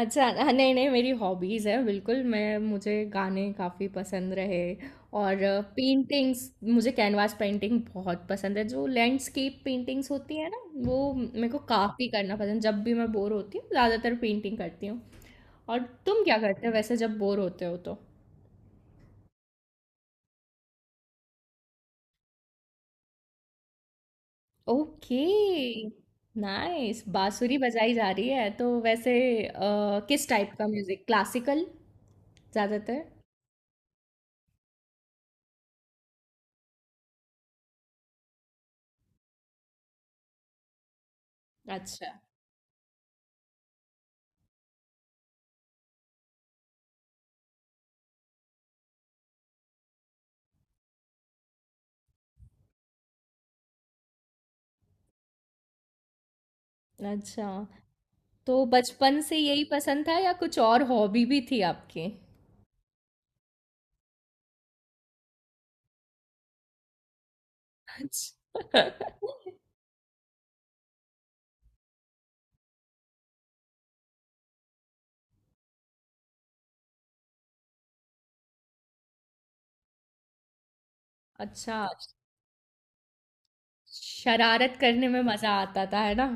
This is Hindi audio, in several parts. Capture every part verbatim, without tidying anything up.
अच्छा हाँ, नहीं नहीं, मेरी हॉबीज़ है। बिल्कुल मैं, मुझे गाने काफ़ी पसंद रहे। और पेंटिंग्स, मुझे कैनवास पेंटिंग बहुत पसंद है। जो लैंडस्केप पेंटिंग्स होती है ना, वो मेरे को काफ़ी करना पसंद। जब भी मैं बोर होती हूँ ज़्यादातर पेंटिंग करती हूँ। और तुम क्या करते हो वैसे जब बोर होते हो तो? ओके। नाइस, बांसुरी बजाई जा रही है तो वैसे अ, किस टाइप का म्यूज़िक? क्लासिकल ज़्यादातर? अच्छा अच्छा। तो बचपन से यही पसंद था या कुछ और हॉबी भी थी आपकी? अच्छा अच्छा, शरारत करने में मज़ा आता था, है ना?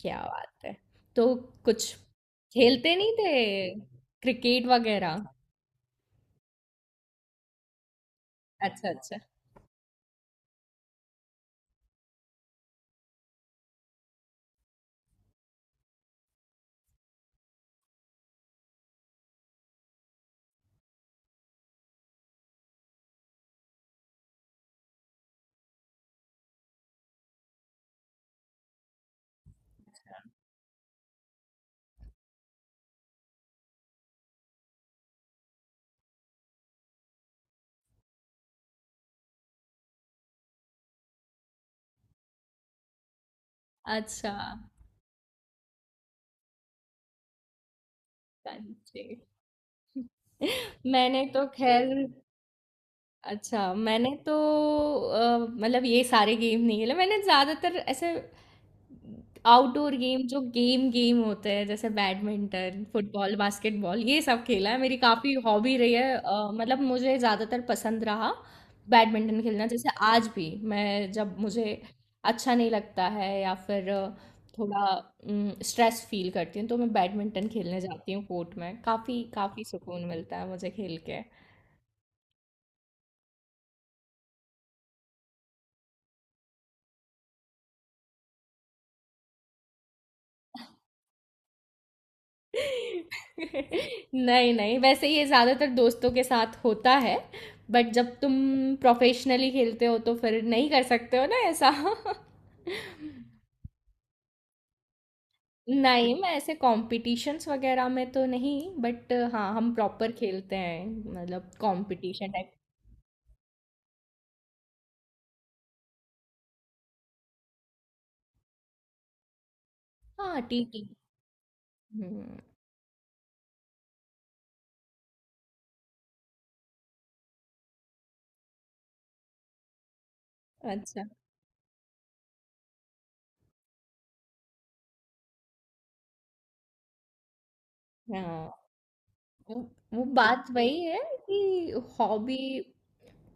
क्या बात है! तो कुछ खेलते नहीं थे, क्रिकेट वगैरह? अच्छा, अच्छा। अच्छा। कंचे। मैंने तो खैर, अच्छा, मैंने तो अ, मतलब ये सारे गेम नहीं खेले। मैंने ज़्यादातर ऐसे आउटडोर गेम, जो गेम गेम होते हैं, जैसे बैडमिंटन, फुटबॉल, बास्केटबॉल, ये सब खेला है। मेरी काफ़ी हॉबी रही है। अ, मतलब मुझे ज़्यादातर पसंद रहा बैडमिंटन खेलना। जैसे आज भी मैं जब, मुझे अच्छा नहीं लगता है या फिर अ, थोड़ा स्ट्रेस फील करती हूँ तो मैं बैडमिंटन खेलने जाती हूँ कोर्ट में। काफ़ी काफ़ी सुकून मिलता है मुझे खेल के। नहीं नहीं, वैसे ये ज़्यादातर दोस्तों के साथ होता है। बट जब तुम प्रोफेशनली खेलते हो तो फिर नहीं कर सकते हो ना ऐसा। नहीं, मैं ऐसे कॉम्पिटिशन्स वगैरह में तो नहीं, बट हाँ, हम प्रॉपर खेलते हैं, मतलब कॉम्पिटिशन टाइप। हाँ, टी टी। हम्म। अच्छा। हाँ, वो वो बात वही है कि हॉबी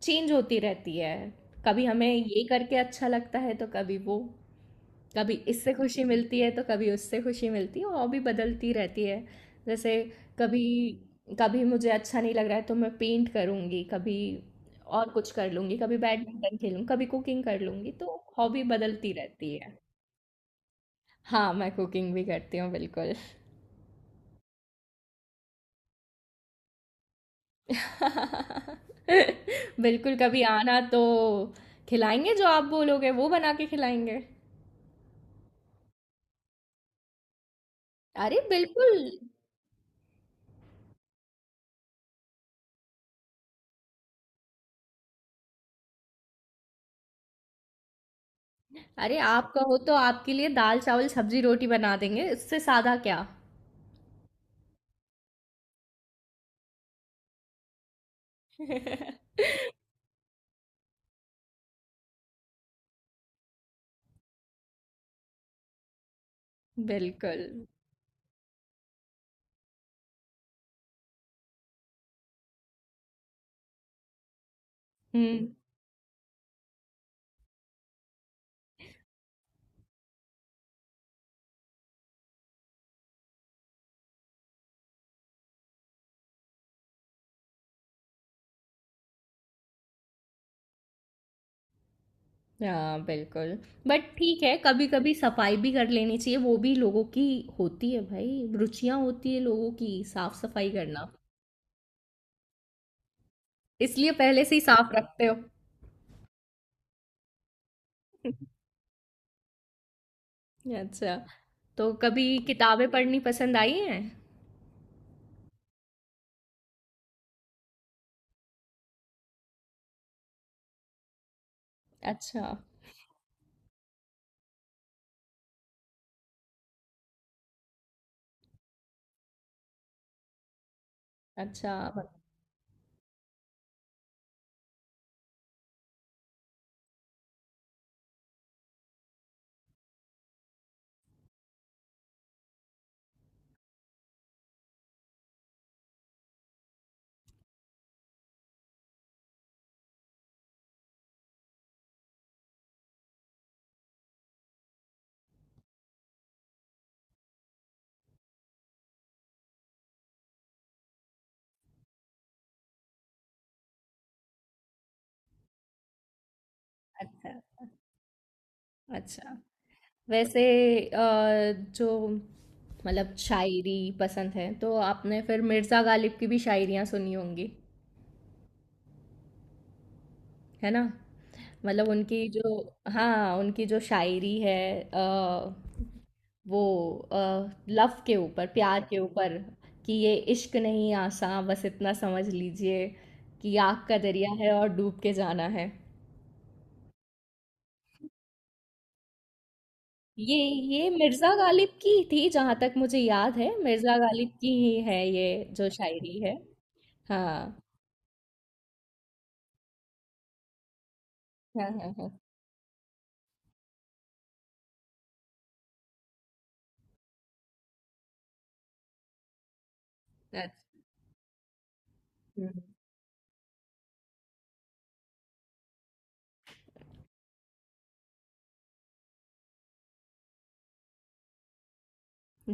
चेंज होती रहती है। कभी हमें ये करके अच्छा लगता है तो कभी वो। कभी इससे खुशी मिलती है तो कभी उससे खुशी मिलती है। हॉबी बदलती रहती है। जैसे कभी, कभी मुझे अच्छा नहीं लग रहा है तो मैं पेंट करूँगी, कभी और कुछ कर लूँगी, कभी बैडमिंटन खेलूँ, कभी कुकिंग कर लूँगी। तो हॉबी बदलती रहती है। हाँ, मैं कुकिंग भी करती हूँ बिल्कुल। बिल्कुल, कभी आना तो खिलाएंगे। जो आप बोलोगे वो बना के खिलाएंगे। अरे बिल्कुल। अरे आप कहो तो आपके लिए दाल चावल सब्जी रोटी बना देंगे। इससे सादा क्या। बिल्कुल। हम्म। हाँ बिल्कुल, बट ठीक है कभी कभी सफाई भी कर लेनी चाहिए। वो भी लोगों की होती है भाई, रुचियां होती है लोगों की साफ सफाई करना। इसलिए पहले से ही साफ रखते हो। अच्छा, तो कभी किताबें पढ़नी पसंद आई हैं? अच्छा अच्छा। अच्छा अच्छा। वैसे अ, जो, मतलब शायरी पसंद है तो आपने फिर मिर्ज़ा गालिब की भी शायरियाँ सुनी होंगी, है ना? मतलब उनकी जो, हाँ, उनकी जो शायरी है, अ, वो लव के ऊपर, प्यार के ऊपर, कि ये इश्क नहीं आसा, बस इतना समझ लीजिए, कि आग का दरिया है और डूब के जाना है। ये ये मिर्ज़ा गालिब की थी जहाँ तक मुझे याद है। मिर्ज़ा गालिब की ही है ये, जो शायरी है। हाँ हाँ हाँ। हाँ। अच्छा। हम्म।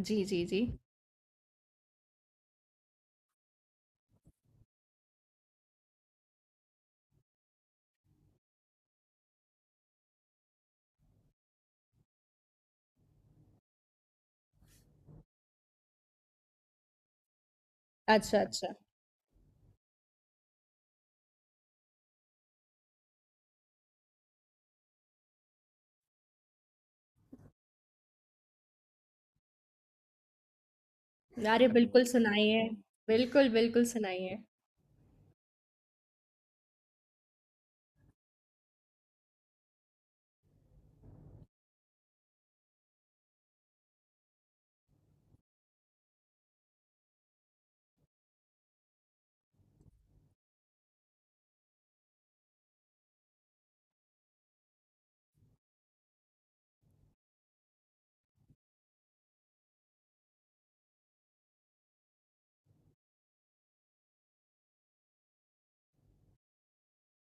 जी जी जी। अच्छा अच्छा। अरे बिल्कुल सुनाइए। बिल्कुल बिल्कुल सुनाइए।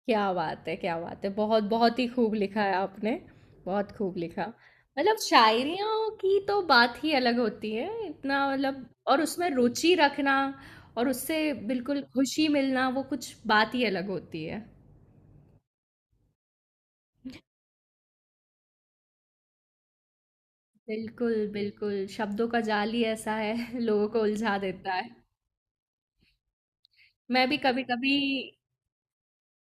क्या बात है! क्या बात है! बहुत, बहुत ही खूब लिखा है आपने, बहुत खूब लिखा। मतलब शायरियों की तो बात ही अलग होती है, इतना मतलब। और उसमें रुचि रखना, और उससे बिल्कुल खुशी मिलना, वो कुछ बात ही अलग होती है। बिल्कुल, बिल्कुल, शब्दों का जाल ही ऐसा है, लोगों को उलझा देता है। मैं भी कभी-कभी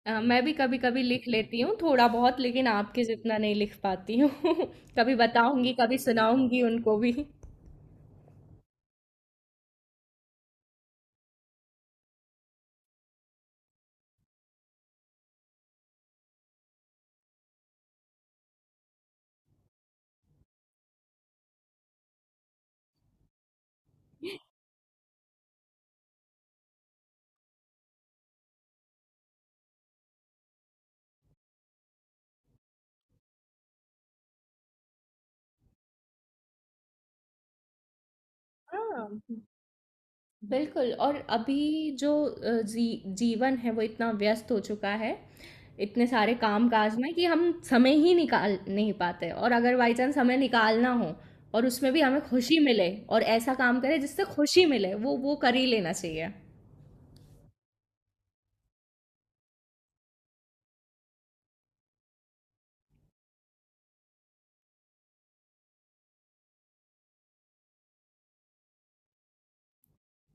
अ, मैं भी कभी-कभी लिख लेती हूँ थोड़ा-बहुत, लेकिन आपके जितना नहीं लिख पाती हूँ। कभी बताऊँगी, कभी सुनाऊँगी उनको भी। हाँ। बिल्कुल, और अभी जो अ, जी, जीवन है वो इतना व्यस्त हो चुका है, इतने सारे काम काज में, कि हम समय ही निकाल नहीं पाते। और अगर बाई चांस समय निकालना हो और उसमें भी हमें खुशी मिले, और ऐसा काम करें जिससे खुशी मिले, वो वो कर ही लेना चाहिए।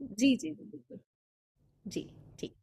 जी जी जी, बिल्कुल। जी। ठीक।